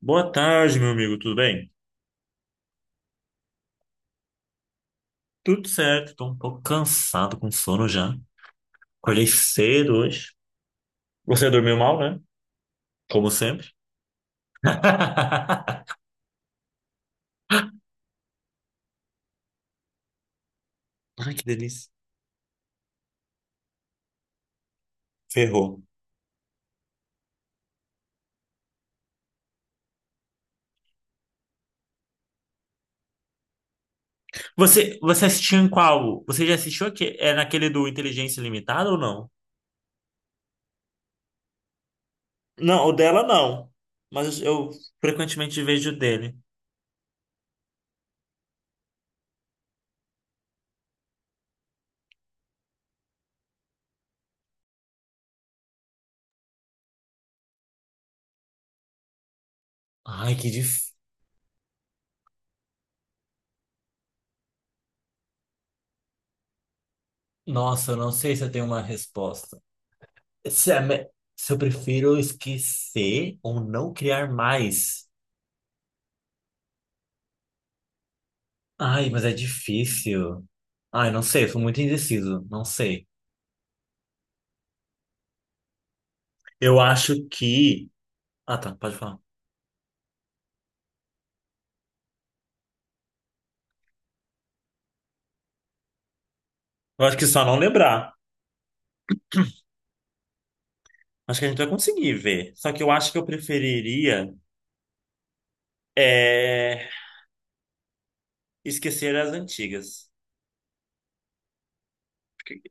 Boa tarde, meu amigo, tudo bem? Tudo certo, tô um pouco cansado com sono já. Acordei cedo hoje. Você dormiu mal, né? Como sempre. Ai, que delícia. Ferrou. Você assistiu em qual? Você já assistiu aqui? É naquele do Inteligência Limitada ou não? Não, o dela não. Mas eu frequentemente vejo o dele. Ai, que difícil. Nossa, eu não sei se eu tenho uma resposta. Se, é me- Se eu prefiro esquecer ou não criar mais. Ai, mas é difícil. Ai, não sei, eu sou muito indeciso, não sei. Eu acho que. Ah, tá, pode falar. Eu acho que só não lembrar. Acho que a gente vai conseguir ver. Só que eu acho que eu preferiria é, esquecer as antigas.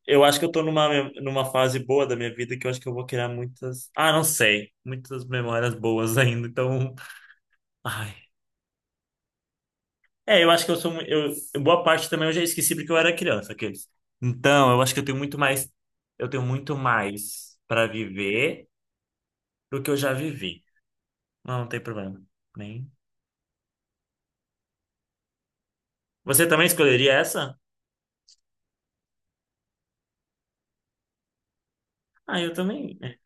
Eu acho que eu tô numa fase boa da minha vida que eu acho que eu vou criar muitas. Ah, não sei. Muitas memórias boas ainda, então. Ai. É, eu acho que eu sou. Mu- Eu, boa parte também eu já esqueci porque eu era criança, aqueles. Então, eu acho que eu tenho muito mais. Eu tenho muito mais para viver do que eu já vivi. Não, não tem problema. Nem. Você também escolheria essa? Ah, eu também. É.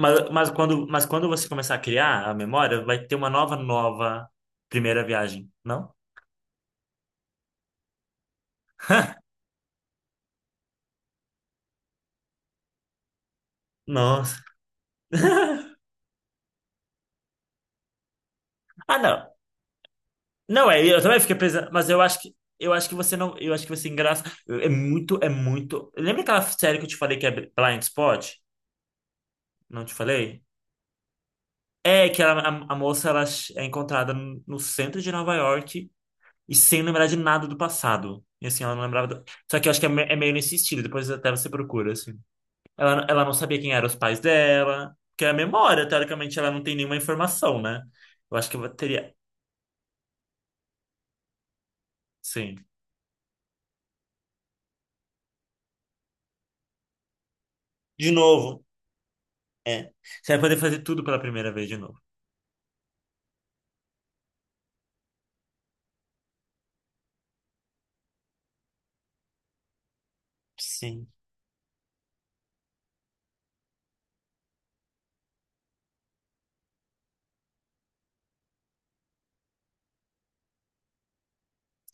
Mas quando você começar a criar a memória, vai ter uma nova primeira viagem, não? Nossa. Ah, não. Não, é, eu também fiquei pensando, mas eu acho que você não, eu acho que você engraça. É muito, é muito. Lembra aquela série que eu te falei que é Blind Spot? Não te falei? É que a moça ela é encontrada no centro de Nova York e sem lembrar de nada do passado. E assim, ela não lembrava. Só que eu acho que é meio nesse estilo, depois até você procura, assim. Ela não sabia quem eram os pais dela, porque é a memória, teoricamente, ela não tem nenhuma informação, né? Eu acho que eu teria. Sim. De novo, é. Você vai poder fazer tudo pela primeira vez de novo. Sim.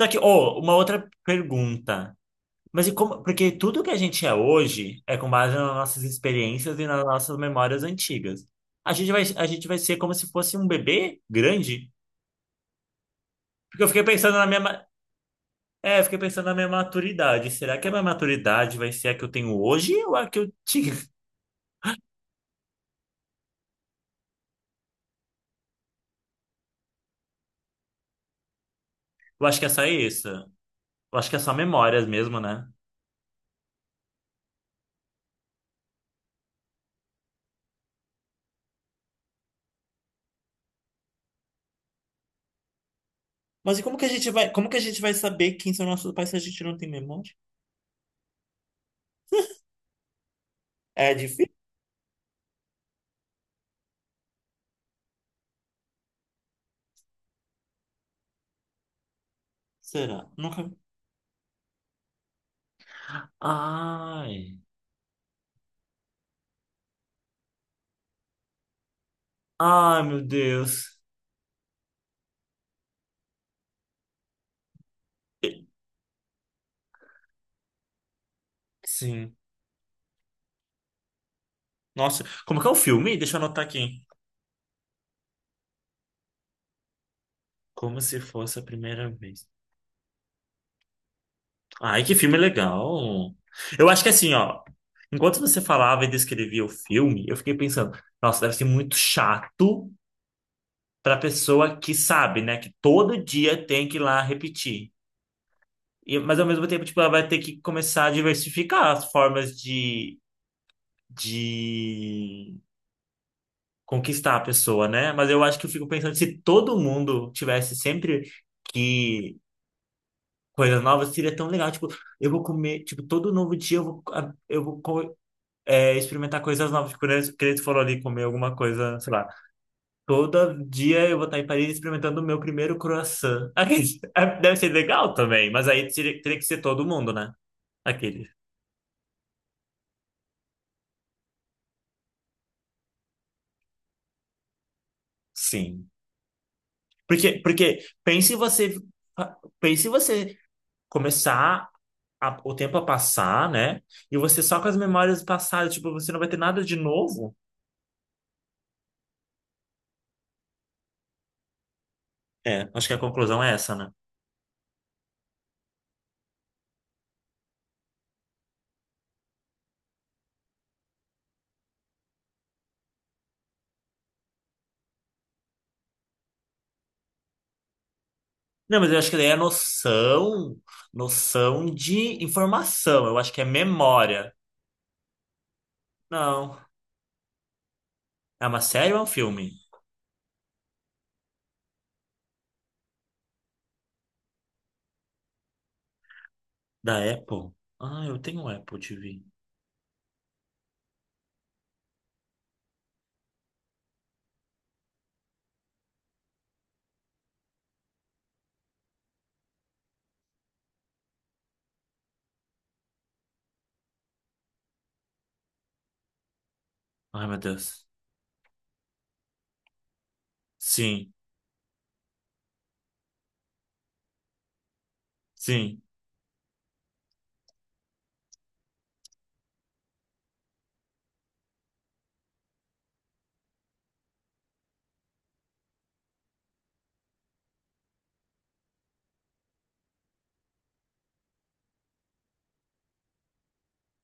Só que, oh, uma outra pergunta. Mas e como, porque tudo que a gente é hoje é com base nas nossas experiências e nas nossas memórias antigas. A gente vai ser como se fosse um bebê grande. Porque eu fiquei pensando na minha, ma- é, eu fiquei pensando na minha maturidade. Será que a minha maturidade vai ser a que eu tenho hoje ou a que eu tinha? Eu acho que é só isso. Eu acho que é só memórias mesmo, né? Mas e como que a gente vai, como que a gente vai saber quem são nossos pais se a gente não tem memória? É difícil? Será? Nunca. Ai. Ai, meu Deus. Sim. Nossa, como que é o filme? Deixa eu anotar aqui. Como se fosse a primeira vez. Ai, que filme legal. Eu acho que assim, ó. Enquanto você falava e descrevia o filme, eu fiquei pensando, nossa, deve ser muito chato pra pessoa que sabe, né? Que todo dia tem que ir lá repetir. E, mas ao mesmo tempo, tipo, ela vai ter que começar a diversificar as formas de conquistar a pessoa, né? Mas eu acho que eu fico pensando, se todo mundo tivesse sempre que coisas novas seria tão legal. Tipo, eu vou comer, tipo, todo novo dia eu vou, a- eu vou co- é, experimentar coisas novas. Tipo, né, que eles foram ali comer alguma coisa, sei lá. Todo dia eu vou estar em Paris experimentando o meu primeiro croissant. Deve ser legal também, mas aí teria que ser todo mundo, né? Aquele. Sim. Porque pense você começar o tempo a passar, né? E você só com as memórias passadas, tipo, você não vai ter nada de novo. É, acho que a conclusão é essa, né? Não, mas eu acho que daí é noção de informação. Eu acho que é memória. Não. É uma série ou é um filme? Da Apple? Ah, eu tenho um Apple TV. Ai, meu Deus. Sim, sim.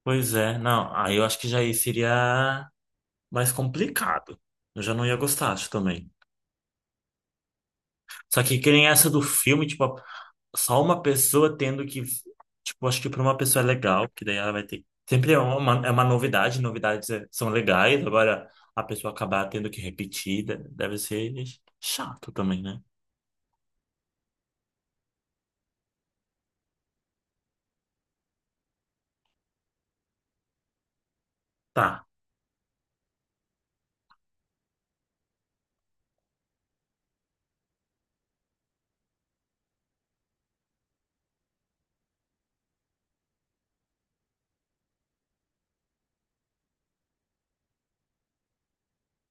Pois é. Não, aí eu acho que já aí seria mais complicado. Eu já não ia gostar, acho também. Só que nem essa do filme, tipo, só uma pessoa tendo que, tipo, acho que para uma pessoa é legal, que daí ela vai ter. Sempre é uma novidade, são legais, agora a pessoa acabar tendo que repetir, deve ser chato também, né? Tá,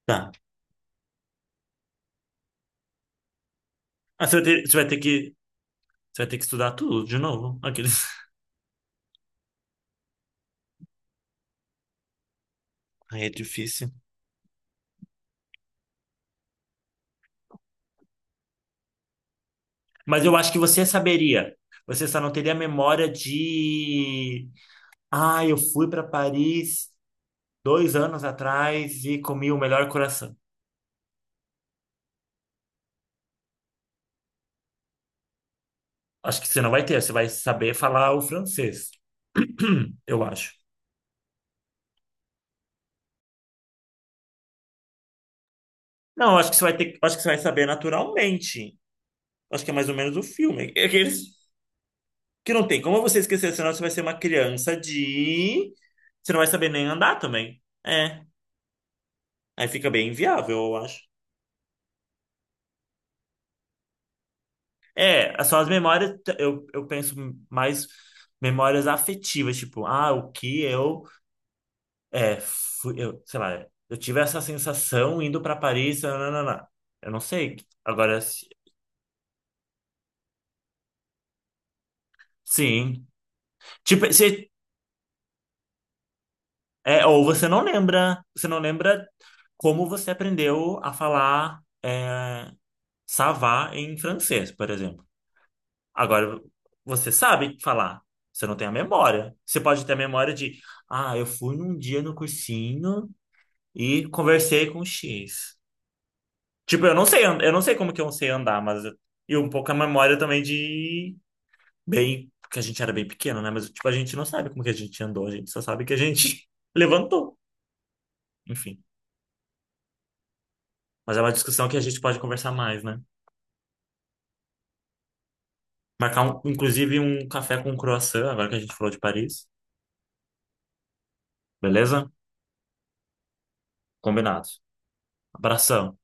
tá. Ah, você vai ter que estudar tudo de novo. Aqueles... Aí é difícil. Mas eu acho que você saberia. Você só não teria memória de. Ah, eu fui para Paris dois anos atrás e comi o melhor coração. Acho que você não vai ter, você vai saber falar o francês, eu acho. Não, acho que você vai ter, acho que você vai saber naturalmente. Acho que é mais ou menos o filme. É aqueles que não tem como você esquecer, senão você vai ser uma criança de. Você não vai saber nem andar também. É, aí fica bem inviável, eu acho. É, são as memórias, eu penso mais memórias afetivas, tipo, ah, o que eu, é, fui, eu, sei lá, eu tive essa sensação indo para Paris, nananana. Eu não sei. Agora, Sim. Tipo, ou você não lembra como você aprendeu a falar ça em francês, por exemplo. Agora, você sabe falar, você não tem a memória. Você pode ter a memória de, ah, eu fui num dia no cursinho e conversei com X. Tipo, eu não sei, eu não sei como que eu sei andar, mas e um pouco a memória também de bem, porque a gente era bem pequeno, né? Mas tipo, a gente não sabe como que a gente andou, a gente só sabe que a gente levantou. Enfim. Mas é uma discussão que a gente pode conversar mais, né? Marcar, um, inclusive, um café com croissant, agora que a gente falou de Paris. Beleza? Combinado. Abração.